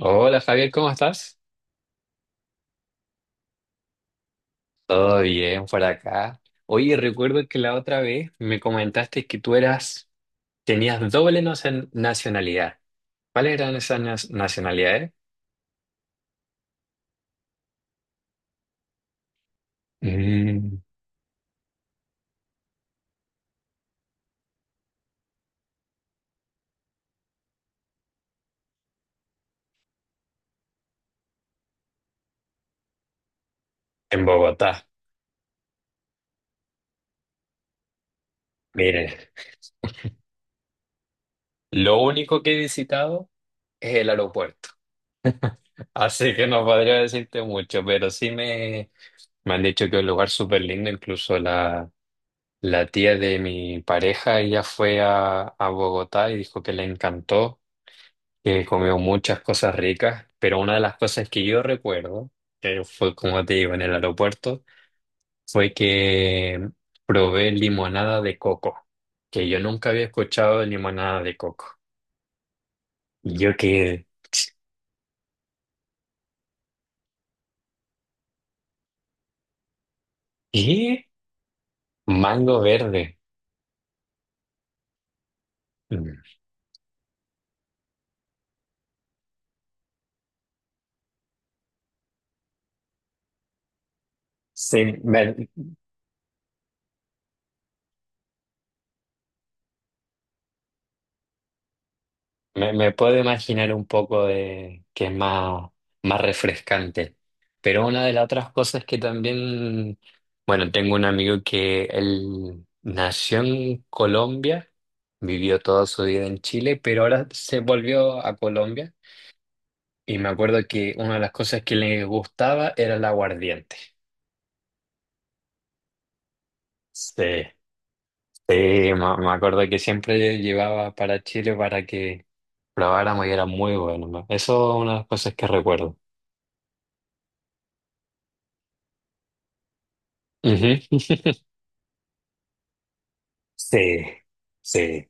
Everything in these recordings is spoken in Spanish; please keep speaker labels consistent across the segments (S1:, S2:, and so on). S1: Hola, Javier, ¿cómo estás? Todo bien por acá. Oye, recuerdo que la otra vez me comentaste que tú eras, tenías doble nacionalidad. ¿Cuáles eran esas nacionalidades? Mm, en Bogotá. Mire, lo único que he visitado es el aeropuerto. Así que no podría decirte mucho, pero me han dicho que es un lugar súper lindo. Incluso la tía de mi pareja, ella fue a Bogotá y dijo que le encantó, que comió muchas cosas ricas, pero una de las cosas que yo recuerdo, que fue como te digo, en el aeropuerto, fue que probé limonada de coco, que yo nunca había escuchado de limonada de coco. Y yo quedé, ¿qué? Mango verde. Mm. Sí, me- me puedo imaginar un poco de que es más, más refrescante. Pero una de las otras cosas que también, bueno, tengo un amigo que él nació en Colombia, vivió toda su vida en Chile, pero ahora se volvió a Colombia. Y me acuerdo que una de las cosas que le gustaba era el aguardiente. Sí, sí, me acuerdo que siempre llevaba para Chile para que probáramos y era muy bueno, ¿no? Eso es una de las cosas que recuerdo. Ujú. Sí, sí.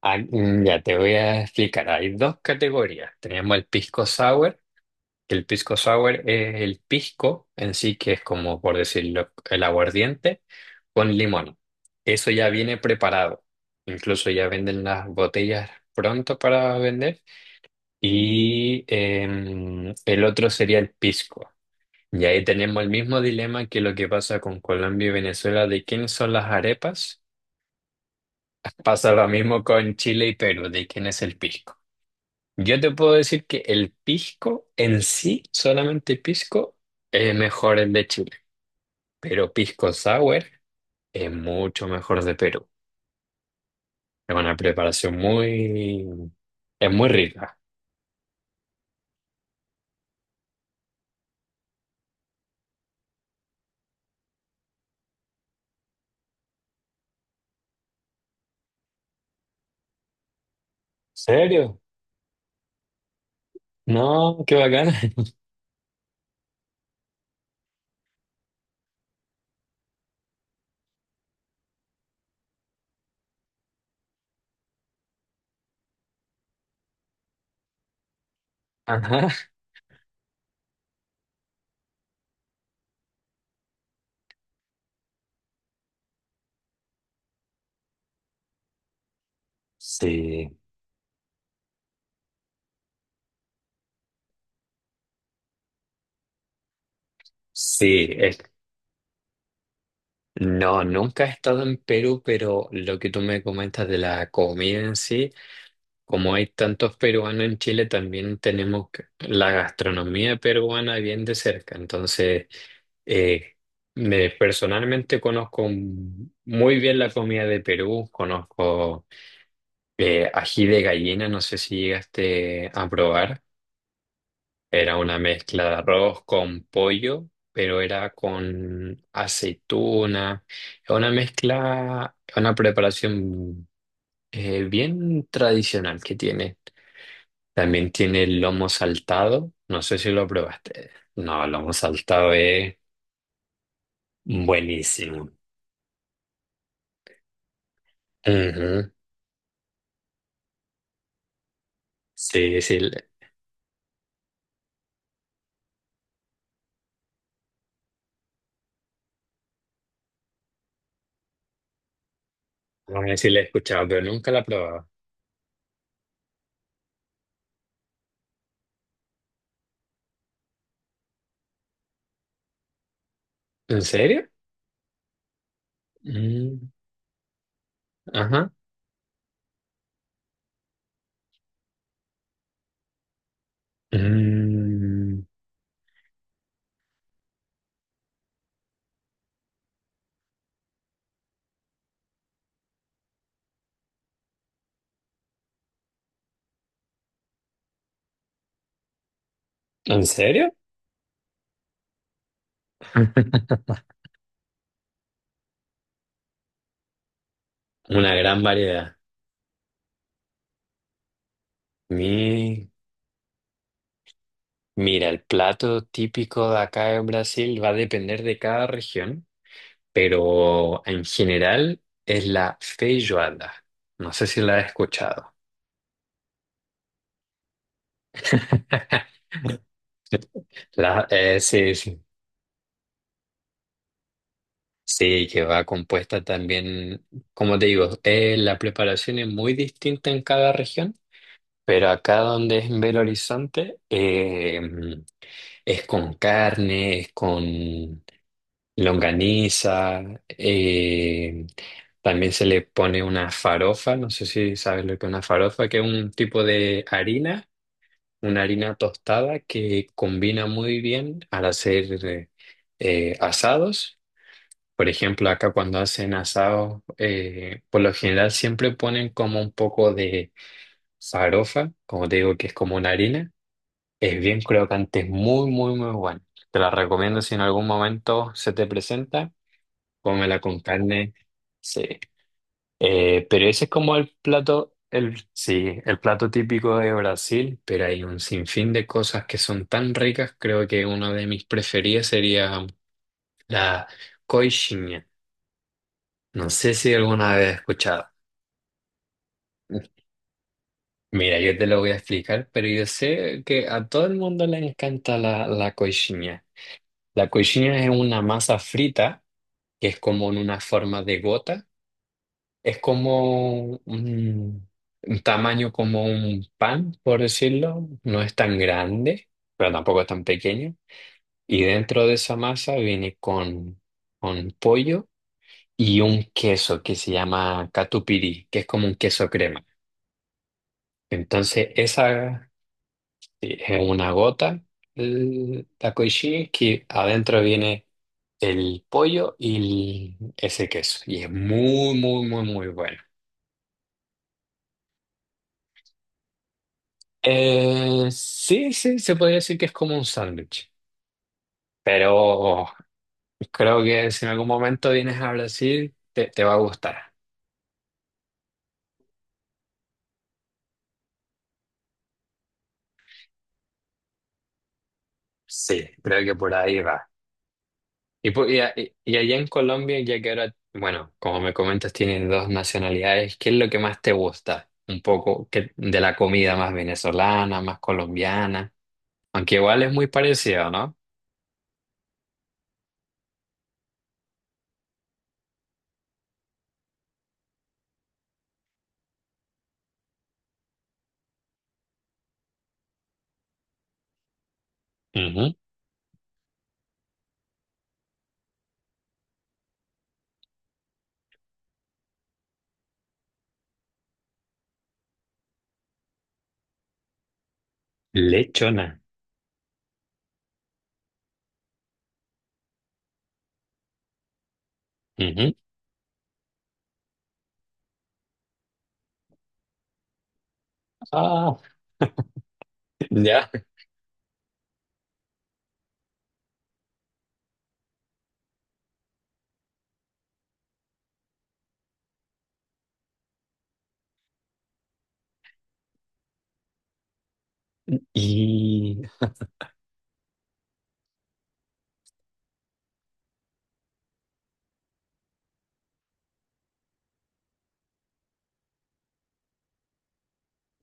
S1: Ya te voy a explicar. Hay dos categorías. Tenemos el pisco sour, que el pisco sour es el pisco en sí, que es como, por decirlo, el aguardiente con limón. Eso ya viene preparado. Incluso ya venden las botellas pronto para vender. Y el otro sería el pisco. Y ahí tenemos el mismo dilema que lo que pasa con Colombia y Venezuela de quiénes son las arepas. Pasa lo mismo con Chile y Perú, de quién es el pisco. Yo te puedo decir que el pisco en sí, solamente pisco, es mejor el de Chile, pero pisco sour es mucho mejor de Perú. Es una preparación muy... es muy rica. ¿Serio? No, qué bacana. Ajá. Sí, sí. No, nunca he estado en Perú, pero lo que tú me comentas de la comida en sí. Como hay tantos peruanos en Chile, también la gastronomía peruana bien de cerca. Entonces, eh, me personalmente conozco muy bien la comida de Perú, conozco ají de gallina, no sé si llegaste a probar. Era una mezcla de arroz con pollo, pero era con aceituna. Una mezcla, una preparación bien tradicional que tiene. También tiene el lomo saltado. No sé si lo probaste. No, el lomo saltado es buenísimo. Ujú. Sí, sí, vamos a decir, la he escuchado, pero nunca la he probado. ¿En serio? Mm, ajá. Mm, ¿en serio? Una gran variedad. Mi- mira, el plato típico de acá en Brasil va a depender de cada región, pero en general es la feijoada. No sé si la has escuchado. Sí, sí. Sí, que va compuesta también, como te digo, la preparación es muy distinta en cada región, pero acá donde es en Belo Horizonte es con carne, es con longaniza, eh, también se le pone una farofa, no sé si sabes lo que es una farofa, que es un tipo de harina, una harina tostada que combina muy bien al hacer... asados. Por ejemplo, acá cuando hacen asado, por lo general siempre ponen como un poco de farofa, como te digo, que es como una harina. Es bien crocante, es muy, muy, muy bueno. Te la recomiendo si en algún momento se te presenta, cómela con carne. Sí. Pero ese es como el plato, sí, el plato típico de Brasil, pero hay un sinfín de cosas que son tan ricas. Creo que una de mis preferidas sería la coxinha. No sé si alguna vez he escuchado. Mira, yo te lo voy a explicar, pero yo sé que a todo el mundo le encanta la coxinha. La coxinha es una masa frita que es como en una forma de gota. Es como un, un tamaño como un pan, por decirlo. No es tan grande, pero tampoco es tan pequeño. Y dentro de esa masa viene con pollo y un queso que se llama catupiry, que es como un queso crema. Entonces, esa sí, es una gota, la koji, que adentro viene el pollo y ese queso. Y es muy, muy, muy, muy bueno. Sí, sí, se podría decir que es como un sándwich. Pero creo que si en algún momento vienes a Brasil, te va a gustar. Sí, creo que por ahí va. Y allá en Colombia, ya que ahora, bueno, como me comentas, tienes dos nacionalidades, ¿qué es lo que más te gusta? Un poco que, de la comida más venezolana, más colombiana, aunque igual es muy parecido, ¿no? Ujú. Lechona. Ujú. Ah, ya. Y...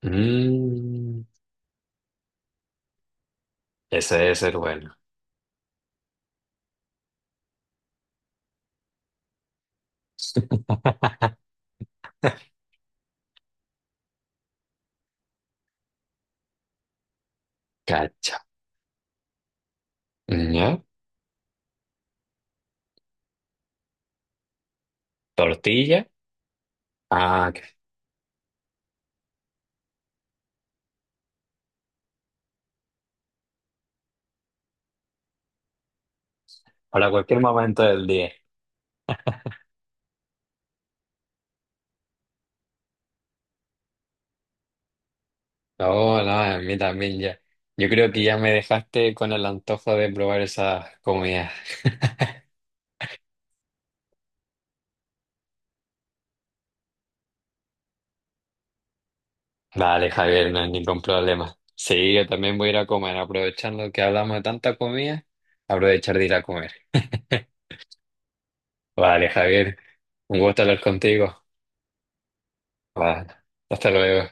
S1: mm, ese debe ser bueno. Cacha. ¿Ya? Tortilla. Ah, para cualquier momento del día. No, no, a mí también ya. Yo creo que ya me dejaste con el antojo de probar esas comidas. Dale, Javier, no hay ningún problema. Sí, yo también voy a ir a comer, aprovechando que hablamos de tanta comida, aprovechar de ir a comer. Vale, Javier, un gusto hablar contigo. Vale, hasta luego.